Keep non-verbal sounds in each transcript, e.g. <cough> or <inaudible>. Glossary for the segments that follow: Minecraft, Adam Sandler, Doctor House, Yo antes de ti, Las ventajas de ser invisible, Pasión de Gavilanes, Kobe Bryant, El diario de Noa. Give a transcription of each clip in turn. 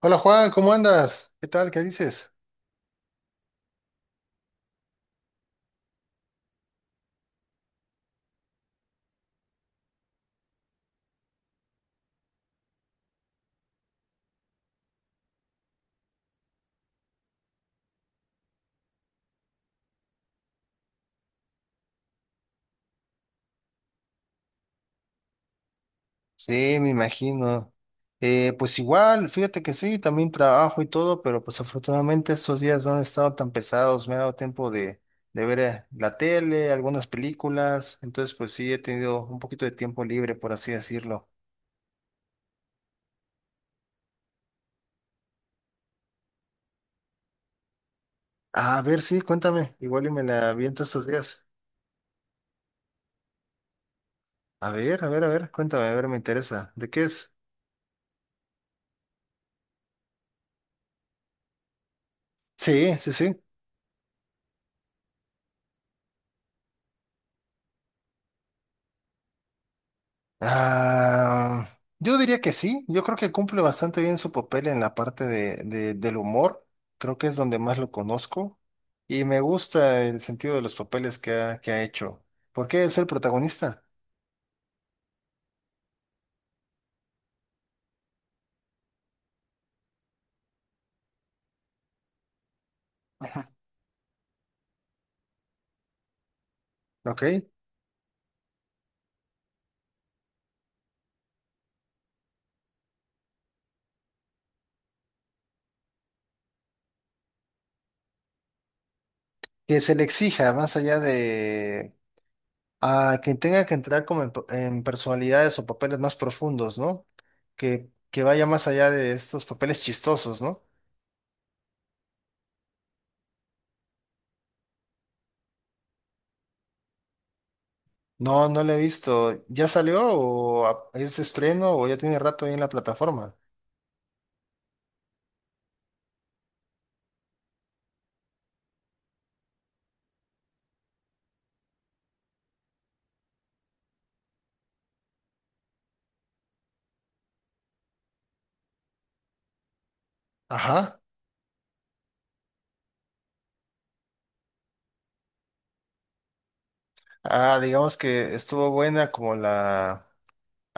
Hola Juan, ¿cómo andas? ¿Qué tal? ¿Qué dices? Sí, me imagino. Pues igual, fíjate que sí, también trabajo y todo, pero pues afortunadamente estos días no han estado tan pesados, me ha dado tiempo de ver la tele, algunas películas, entonces pues sí, he tenido un poquito de tiempo libre, por así decirlo. A ver, sí, cuéntame, igual y me la aviento estos días. A ver, a ver, a ver, cuéntame, a ver, me interesa. ¿De qué es? Sí, sí, sí. Ah, yo diría que sí, yo creo que cumple bastante bien su papel en la parte del humor, creo que es donde más lo conozco y me gusta el sentido de los papeles que ha hecho, porque es el protagonista. ¿Ok? Que se le exija más allá de a quien tenga que entrar como en personalidades o papeles más profundos, ¿no? Que vaya más allá de estos papeles chistosos, ¿no? No, no la he visto. ¿Ya salió o es de estreno o ya tiene rato ahí en la plataforma? Ajá. Ah, digamos que estuvo buena como la...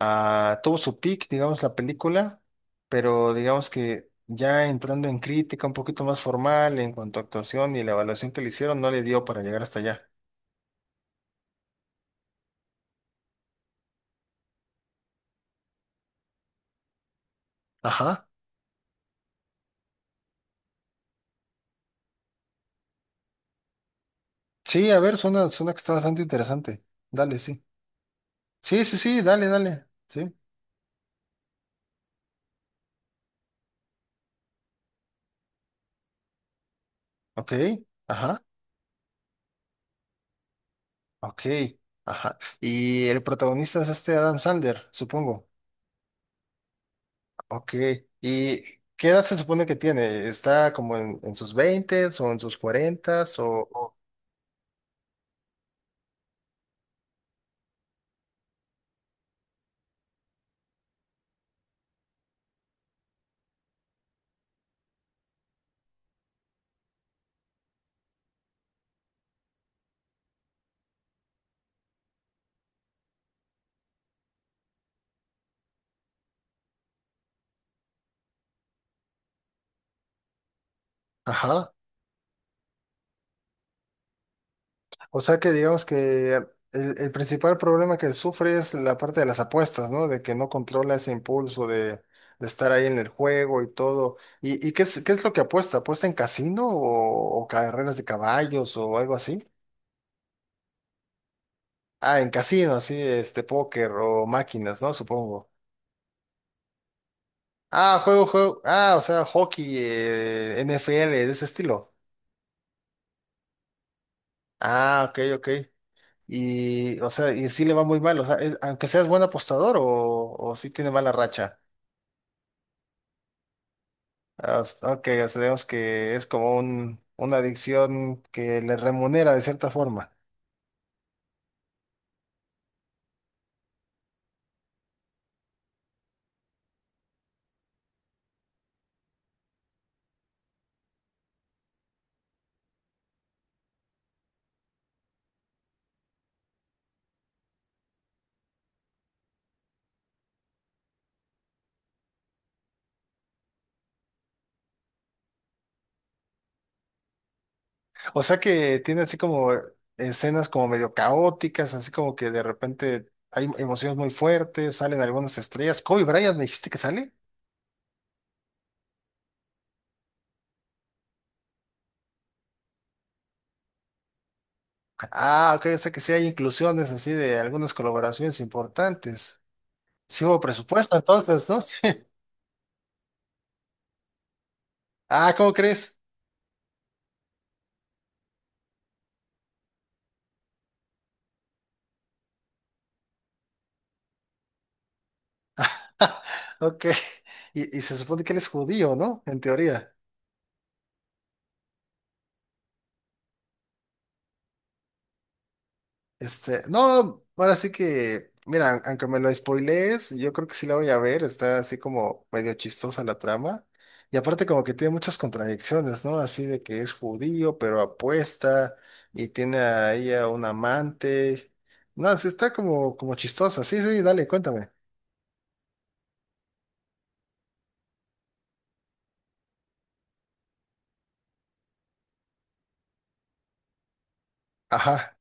ah, tuvo su peak, digamos, la película, pero digamos que ya entrando en crítica un poquito más formal en cuanto a actuación y la evaluación que le hicieron, no le dio para llegar hasta allá. Ajá. Sí, a ver, suena que está bastante interesante. Dale, sí. Sí, sí, sí, dale, dale. Sí. Ok. Ajá. Ok, ajá. Y el protagonista es este Adam Sandler, supongo. Ok. ¿Y qué edad se supone que tiene? ¿Está como en sus veintes o en sus cuarentas? O, o Ajá. o sea que digamos que el principal problema que sufre es la parte de las apuestas, ¿no? De que no controla ese impulso de estar ahí en el juego y todo. ¿Y qué es lo que apuesta? ¿Apuesta en casino o carreras de caballos o algo así? Ah, en casino, sí, este, póker o máquinas, ¿no? Supongo. Ah, juego, juego. Ah, o sea, hockey, NFL, de ese estilo. Ah, ok, ok. Y, o sea, y sí le va muy mal, o sea, aunque seas buen apostador o sí tiene mala racha. Ah, ok, o sea, digamos que es como un, una adicción que le remunera de cierta forma. O sea que tiene así como escenas como medio caóticas, así como que de repente hay emociones muy fuertes, salen algunas estrellas. Kobe Bryant, ¿me dijiste que sale? Ah, ok, o sea que sí hay inclusiones así de algunas colaboraciones importantes. Sí hubo presupuesto entonces, ¿no? <laughs> Sí. Ah, ¿cómo crees? <laughs> Ok. Y se supone que él es judío, ¿no? En teoría. Este, no, ahora sí que, mira, aunque me lo spoilees, yo creo que sí la voy a ver, está así como medio chistosa la trama. Y aparte como que tiene muchas contradicciones, ¿no? Así de que es judío, pero apuesta y tiene a ella un amante. No, sí está como, como chistosa. Sí, sí, dale, cuéntame. Ajá.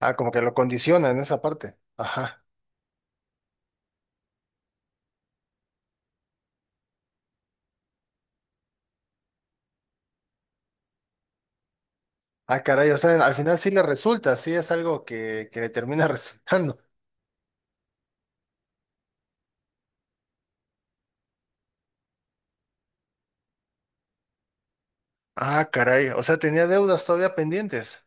Ah, como que lo condiciona en esa parte. Ajá. Ah, caray, o sea, al final sí le resulta, sí es algo que le termina <laughs> resultando. Ah, caray, o sea, tenía deudas todavía pendientes.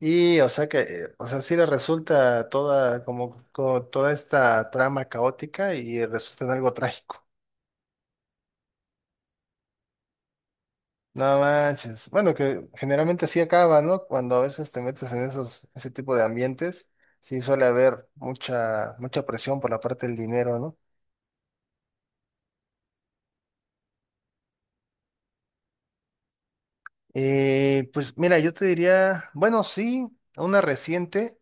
Y, o sea que, o sea, sí le resulta toda, como, como toda esta trama caótica y resulta en algo trágico. No manches. Bueno, que generalmente así acaba, ¿no? Cuando a veces te metes en esos, ese tipo de ambientes, sí suele haber mucha, mucha presión por la parte del dinero, ¿no? Pues mira, yo te diría, bueno, sí, una reciente.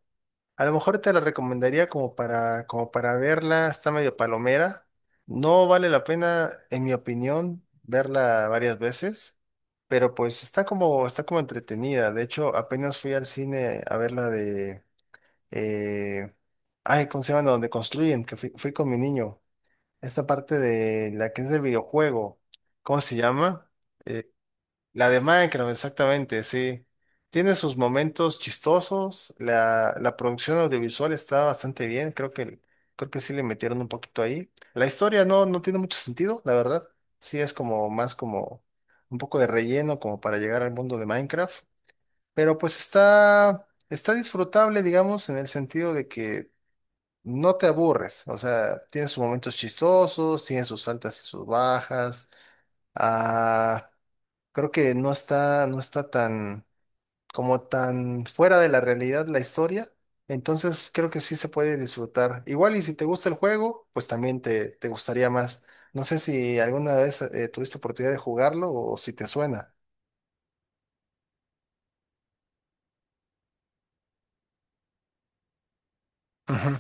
A lo mejor te la recomendaría como para, como para verla, está medio palomera. No vale la pena, en mi opinión, verla varias veces, pero pues está como entretenida. De hecho, apenas fui al cine a ver la de, eh, ay, ¿cómo se llama? Donde construyen, que fui, fui con mi niño. Esta parte de la que es del videojuego, ¿cómo se llama? La de Minecraft, exactamente, sí. Tiene sus momentos chistosos. La producción audiovisual está bastante bien. Creo que sí le metieron un poquito ahí. La historia no, no tiene mucho sentido, la verdad. Sí es como más como un poco de relleno como para llegar al mundo de Minecraft. Pero pues está, está disfrutable, digamos, en el sentido de que no te aburres. O sea, tiene sus momentos chistosos, tiene sus altas y sus bajas. Ah. Creo que no está, no está tan, como tan fuera de la realidad la historia. Entonces creo que sí se puede disfrutar. Igual y si te gusta el juego, pues también te gustaría más. No sé si alguna vez tuviste oportunidad de jugarlo o si te suena. Ujú.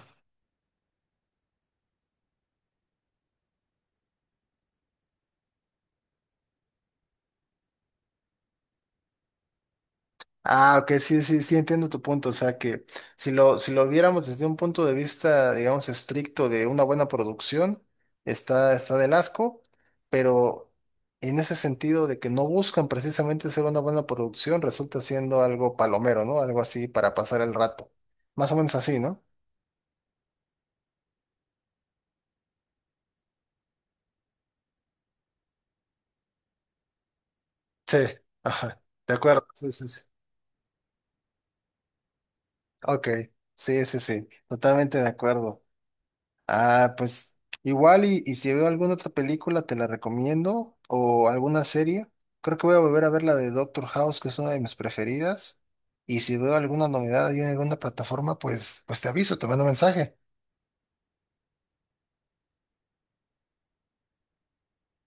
Ah, ok, sí, sí, sí, entiendo tu punto. O sea, que si lo viéramos desde un punto de vista, digamos, estricto de una buena producción, está, está del asco, pero en ese sentido de que no buscan precisamente ser una buena producción, resulta siendo algo palomero, ¿no? Algo así para pasar el rato. Más o menos así, ¿no? Sí, ajá, de acuerdo. Sí, sí, sí. Ok, sí, sí, sí, totalmente de acuerdo. Ah, pues igual y si veo alguna otra película te la recomiendo o alguna serie. Creo que voy a volver a ver la de Doctor House, que es una de mis preferidas. Y si veo alguna novedad ahí en alguna plataforma, pues, pues te aviso, te mando mensaje.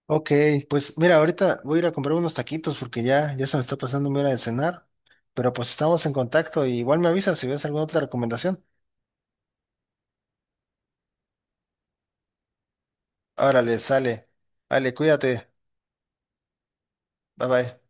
Ok, pues mira, ahorita voy a ir a comprar unos taquitos porque ya, ya se me está pasando mi hora de cenar. Pero pues estamos en contacto y igual me avisas si ves alguna otra recomendación. Órale, sale. Vale, cuídate. Bye bye.